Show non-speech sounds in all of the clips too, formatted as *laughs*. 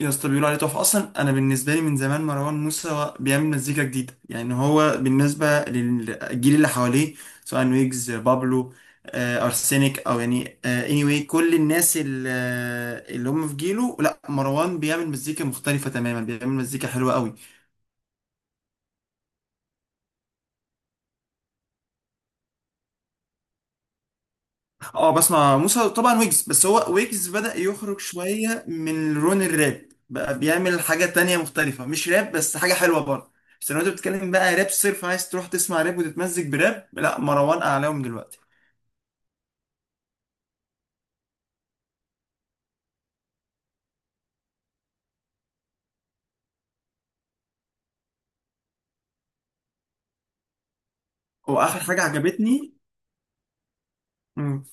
يا اسطى بيقولوا عليه تحفة. أصلا أنا بالنسبة لي من زمان مروان موسى بيعمل مزيكا جديدة، يعني هو بالنسبة للجيل اللي حواليه، سواء ويجز، بابلو، أرسنك، أو يعني anyway كل الناس اللي هم في جيله. لا، مروان بيعمل مزيكا مختلفة تماما، بيعمل مزيكا حلوة قوي. اه، بسمع موسى طبعا، ويجز، بس هو ويجز بدأ يخرج شوية من لون الراب، بقى بيعمل حاجة تانية مختلفة، مش راب بس حاجة حلوة برضه. بس لو انت بتتكلم بقى راب صرف، عايز تروح تسمع راب وتتمزج براب، لا مروان أعلاهم دلوقتي. هو آخر حاجة عجبتني. مم.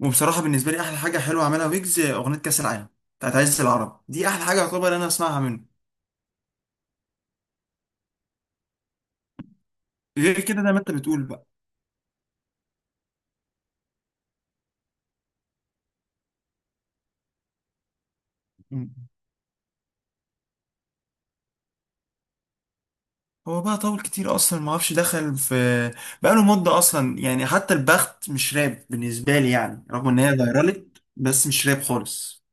وبصراحة بالنسبة لي أحلى حاجة حلوة عملها ويجز أغنية كأس العالم بتاعت عزيز العرب، دي أحلى حاجة يعتبر أنا أسمعها منه. غير كده زي ما أنت بتقول بقى. مم. هو بقى طول كتير اصلا، ما اعرفش دخل في، بقى له مده اصلا، يعني حتى البخت مش راب بالنسبه لي، يعني رغم ان هي فيرالت بس مش راب خالص.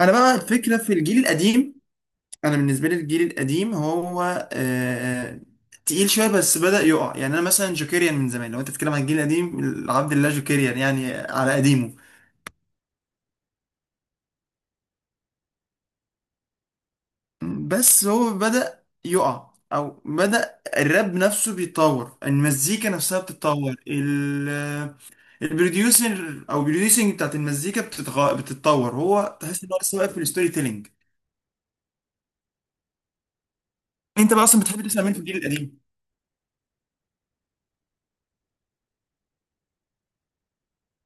انا بقى الفكره في الجيل القديم، انا بالنسبه لي الجيل القديم هو تقيل شويه بس بدا يقع. يعني انا مثلا جوكيريان من زمان، لو انت بتتكلم عن الجيل القديم، عبد الله جوكيريان يعني على قديمه. بس هو بدأ يقع، او بدأ الراب نفسه بيتطور، المزيكا نفسها بتتطور، البروديوسر او البروديوسنج بتاعت المزيكا بتتطور، هو تحس ان هو لسه واقف في الستوري تيلينج. انت بقى اصلا بتحب تسمع مين في الجيل القديم؟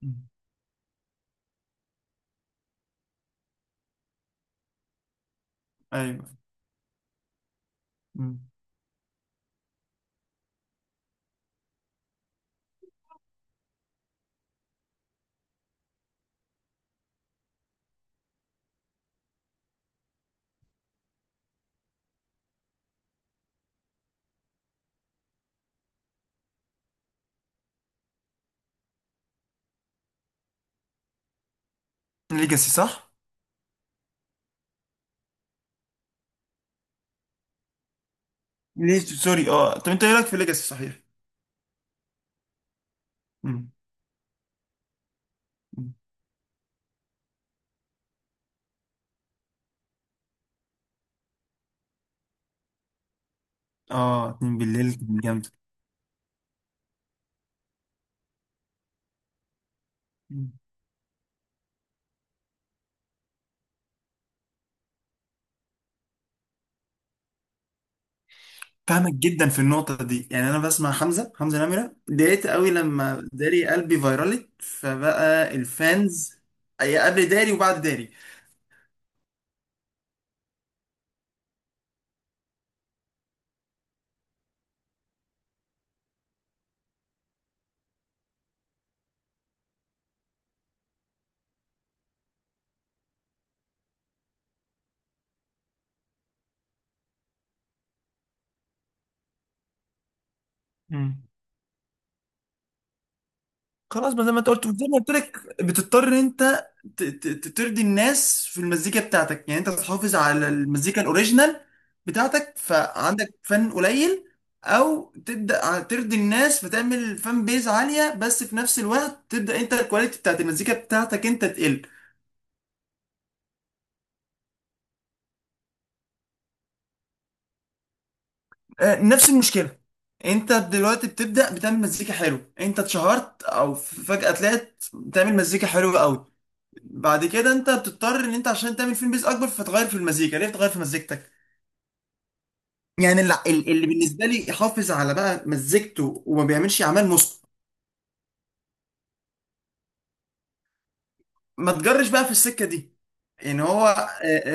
مم. ايوه. ليجاسي صح؟ ليه سوري اه، طب انت ايه رايك في ليجاسي صحيح؟ مم. مم. اه، اتنين بالليل كان جامد. فاهمك جدا في النقطة دي، يعني أنا بسمع حمزة، حمزة نمرة، اتضايقت قوي لما داري قلبي فيرالت، فبقى الفانز أي قبل داري وبعد داري. مم. خلاص، ما زي ما انت قلت، زي ما قلت لك، بتضطر ان انت ترضي الناس في المزيكا بتاعتك، يعني انت تحافظ على المزيكا الاوريجينال بتاعتك فعندك فن قليل، او تبدا ترضي الناس فتعمل فان بيز عاليه بس في نفس الوقت تبدا انت الكواليتي بتاعت المزيكا بتاعتك انت تقل. نفس المشكله. انت دلوقتي بتبدا بتعمل مزيكا حلو، انت اتشهرت او فجاه طلعت بتعمل مزيكا حلوه قوي، بعد كده انت بتضطر ان انت عشان تعمل فيلم بيز اكبر فتغير في المزيكا، ليه بتغير في مزيكتك؟ يعني اللي بالنسبه لي يحافظ على بقى مزيكته وما بيعملش اعمال نص، ما تجرش بقى في السكه دي. يعني هو آه،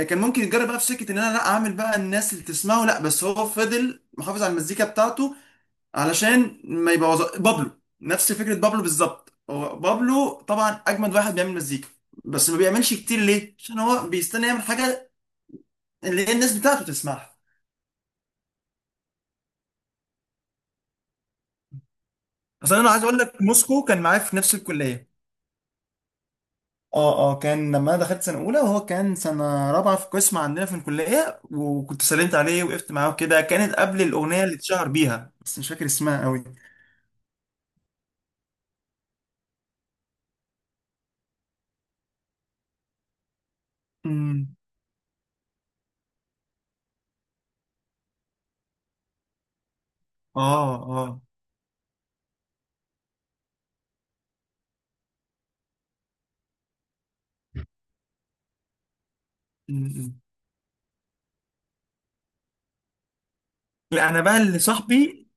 آه، كان ممكن يتجرب بقى في سكه ان انا لا اعمل بقى الناس اللي تسمعه، لا بس هو فضل محافظ على المزيكا بتاعته، علشان ما يبوظ بابلو. نفس فكرة بابلو بالظبط، هو بابلو طبعا أجمد واحد بيعمل مزيكا، بس ما بيعملش كتير. ليه؟ عشان هو بيستنى يعمل حاجة اللي هي الناس بتاعته تسمعها. أصل أنا عايز أقول لك موسكو كان معايا في نفس الكلية. اه اه، كان لما انا دخلت سنه اولى وهو كان سنه رابعه في قسم عندنا في الكليه، وكنت سلمت عليه وقفت معاه كده، كانت قبل الاغنيه اللي اتشهر بيها بس مش فاكر اسمها قوي. امم. اه اه. مم. لا انا بقى اللي صاحبي.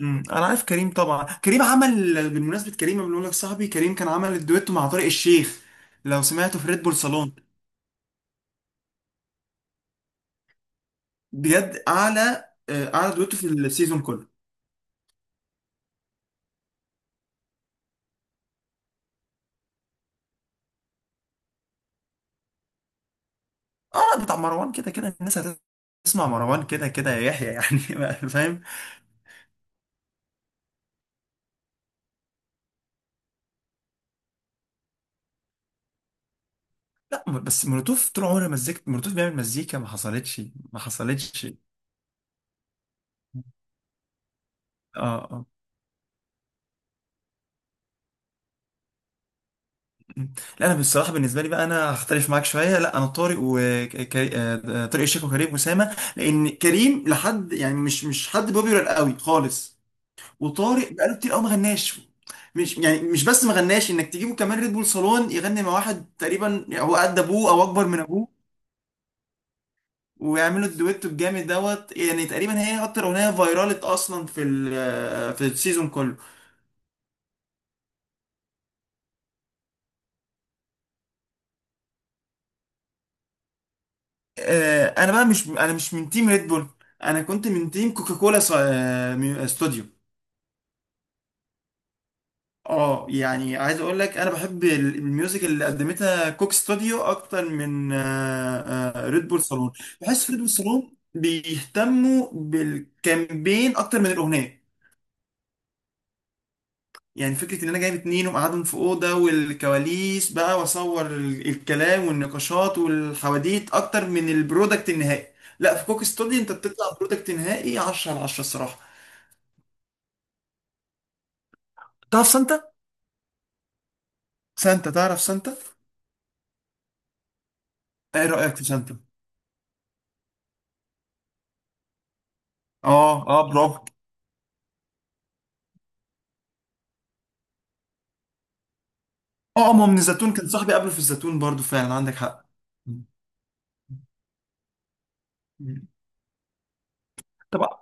امم، انا عارف كريم طبعا. كريم عمل بالمناسبه، كريم لما بنقول لك صاحبي كريم كان عمل الدويتو مع طارق الشيخ، لو سمعته في ريد بول صالون. بجد اعلى اعلى دويتو في السيزون كله. اه، بتاع مروان كده كده الناس هتسمع مروان كده كده يا يحيى يعني. *laughs* فاهم. لا بس مولوتوف طول عمرها مزيكا، مولوتوف بيعمل مزيكا ما حصلتش، ما حصلتش اه. آه. مم. لا انا بصراحه بالنسبه لي بقى انا هختلف معاك شويه، لا انا طارق، وطارق الشيخ وكريم اسامه، لان كريم لحد يعني مش، مش حد بوبيولار قوي خالص، وطارق بقاله كتير قوي ما غناش. مش يعني مش بس ما غناش، انك تجيبه كمان ريد بول صالون يغني مع واحد تقريبا يعني هو قد ابوه او اكبر من ابوه، ويعملوا الدويتو الجامد دوت، يعني تقريبا هي اكتر اغنيه فايرالت اصلا في في السيزون كله. انا بقى مش، انا مش من تيم ريد بول، انا كنت من تيم كوكاكولا استوديو. اه يعني عايز اقول لك انا بحب الميوزك اللي قدمتها كوك ستوديو اكتر من ريد بول صالون. بحس ريد بول صالون بيهتموا بالكامبين اكتر من الاغنيه، يعني فكره ان انا جايب اتنين ومقعدهم في اوضه والكواليس بقى واصور الكلام والنقاشات والحواديت اكتر من البرودكت النهائي. لا في كوك ستوديو انت بتطلع برودكت نهائي 10 على 10 الصراحه. تعرف سانتا؟ سانتا، تعرف سانتا؟ ايه رايك في سانتا؟ اه اه، برافو. اه اه، ما من الزيتون كان صاحبي قبله في الزيتون برضو، فعلا عندك حق. مم. طبعا.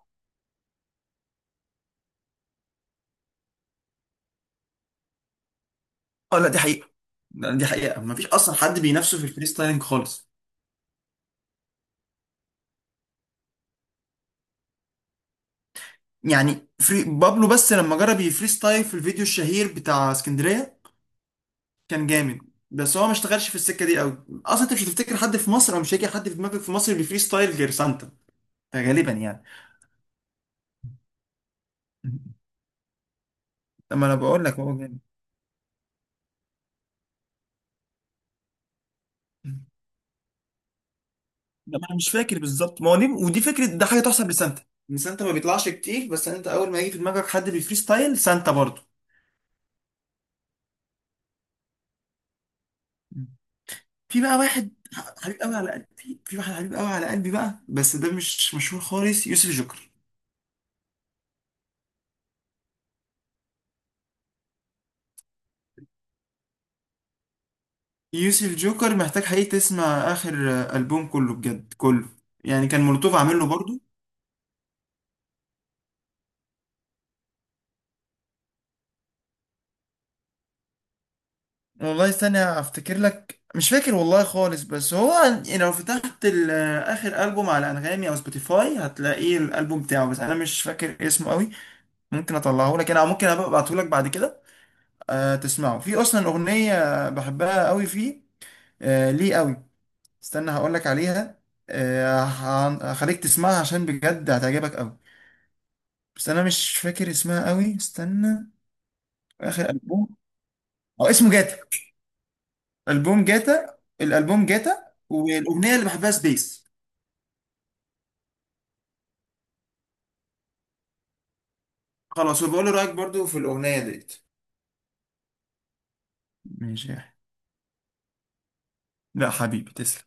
اه لا دي حقيقة. لا، دي حقيقة، ما فيش اصلا حد بينافسه في الفري ستايلنج خالص. يعني فري بابلو بس لما جرب يفري ستايل في الفيديو الشهير بتاع اسكندرية كان جامد، بس هو ما اشتغلش في السكة دي قوي اصلا، انت مش هتفتكر حد في مصر، او مش هيجي حد في دماغك في مصر بيفري ستايل غير سانتا، غالبا يعني. مم. طب ما انا بقول لك هو جامد. ده ما انا مش فاكر بالظبط، ما هو دي ودي فكره، ده حاجه تحسب لسانتا، ان سانتا ما بيطلعش كتير بس انت اول ما يجي في دماغك حد بيفري ستايل سانتا برضه. في بقى واحد حبيب قوي على قلبي، في واحد حبيب قوي على قلبي بقى بس ده مش مشهور خالص، يوسف جوكر. يوسف جوكر محتاج حقيقي تسمع اخر البوم كله، بجد كله، يعني كان مولوتوف عامل له برضه. والله استنى افتكر لك، مش فاكر والله خالص، بس هو لو فتحت اخر البوم على انغامي او سبوتيفاي هتلاقيه الالبوم بتاعه، بس انا مش فاكر اسمه قوي. ممكن اطلعه لك انا او ممكن ابعته لك بعد كده. أه تسمعه، في اصلا اغنيه بحبها قوي فيه، أه ليه قوي، استنى هقول لك عليها، أه هخليك تسمعها عشان بجد هتعجبك قوي، بس انا مش فاكر اسمها قوي، استنى. اخر البوم، او اسمه جاتا. البوم جاتا، الالبوم جاتا، والاغنيه اللي بحبها سبيس. خلاص وبقول لي رايك برضو في الاغنيه ديت. ماشي يا أحمد. لا حبيبي تسلم.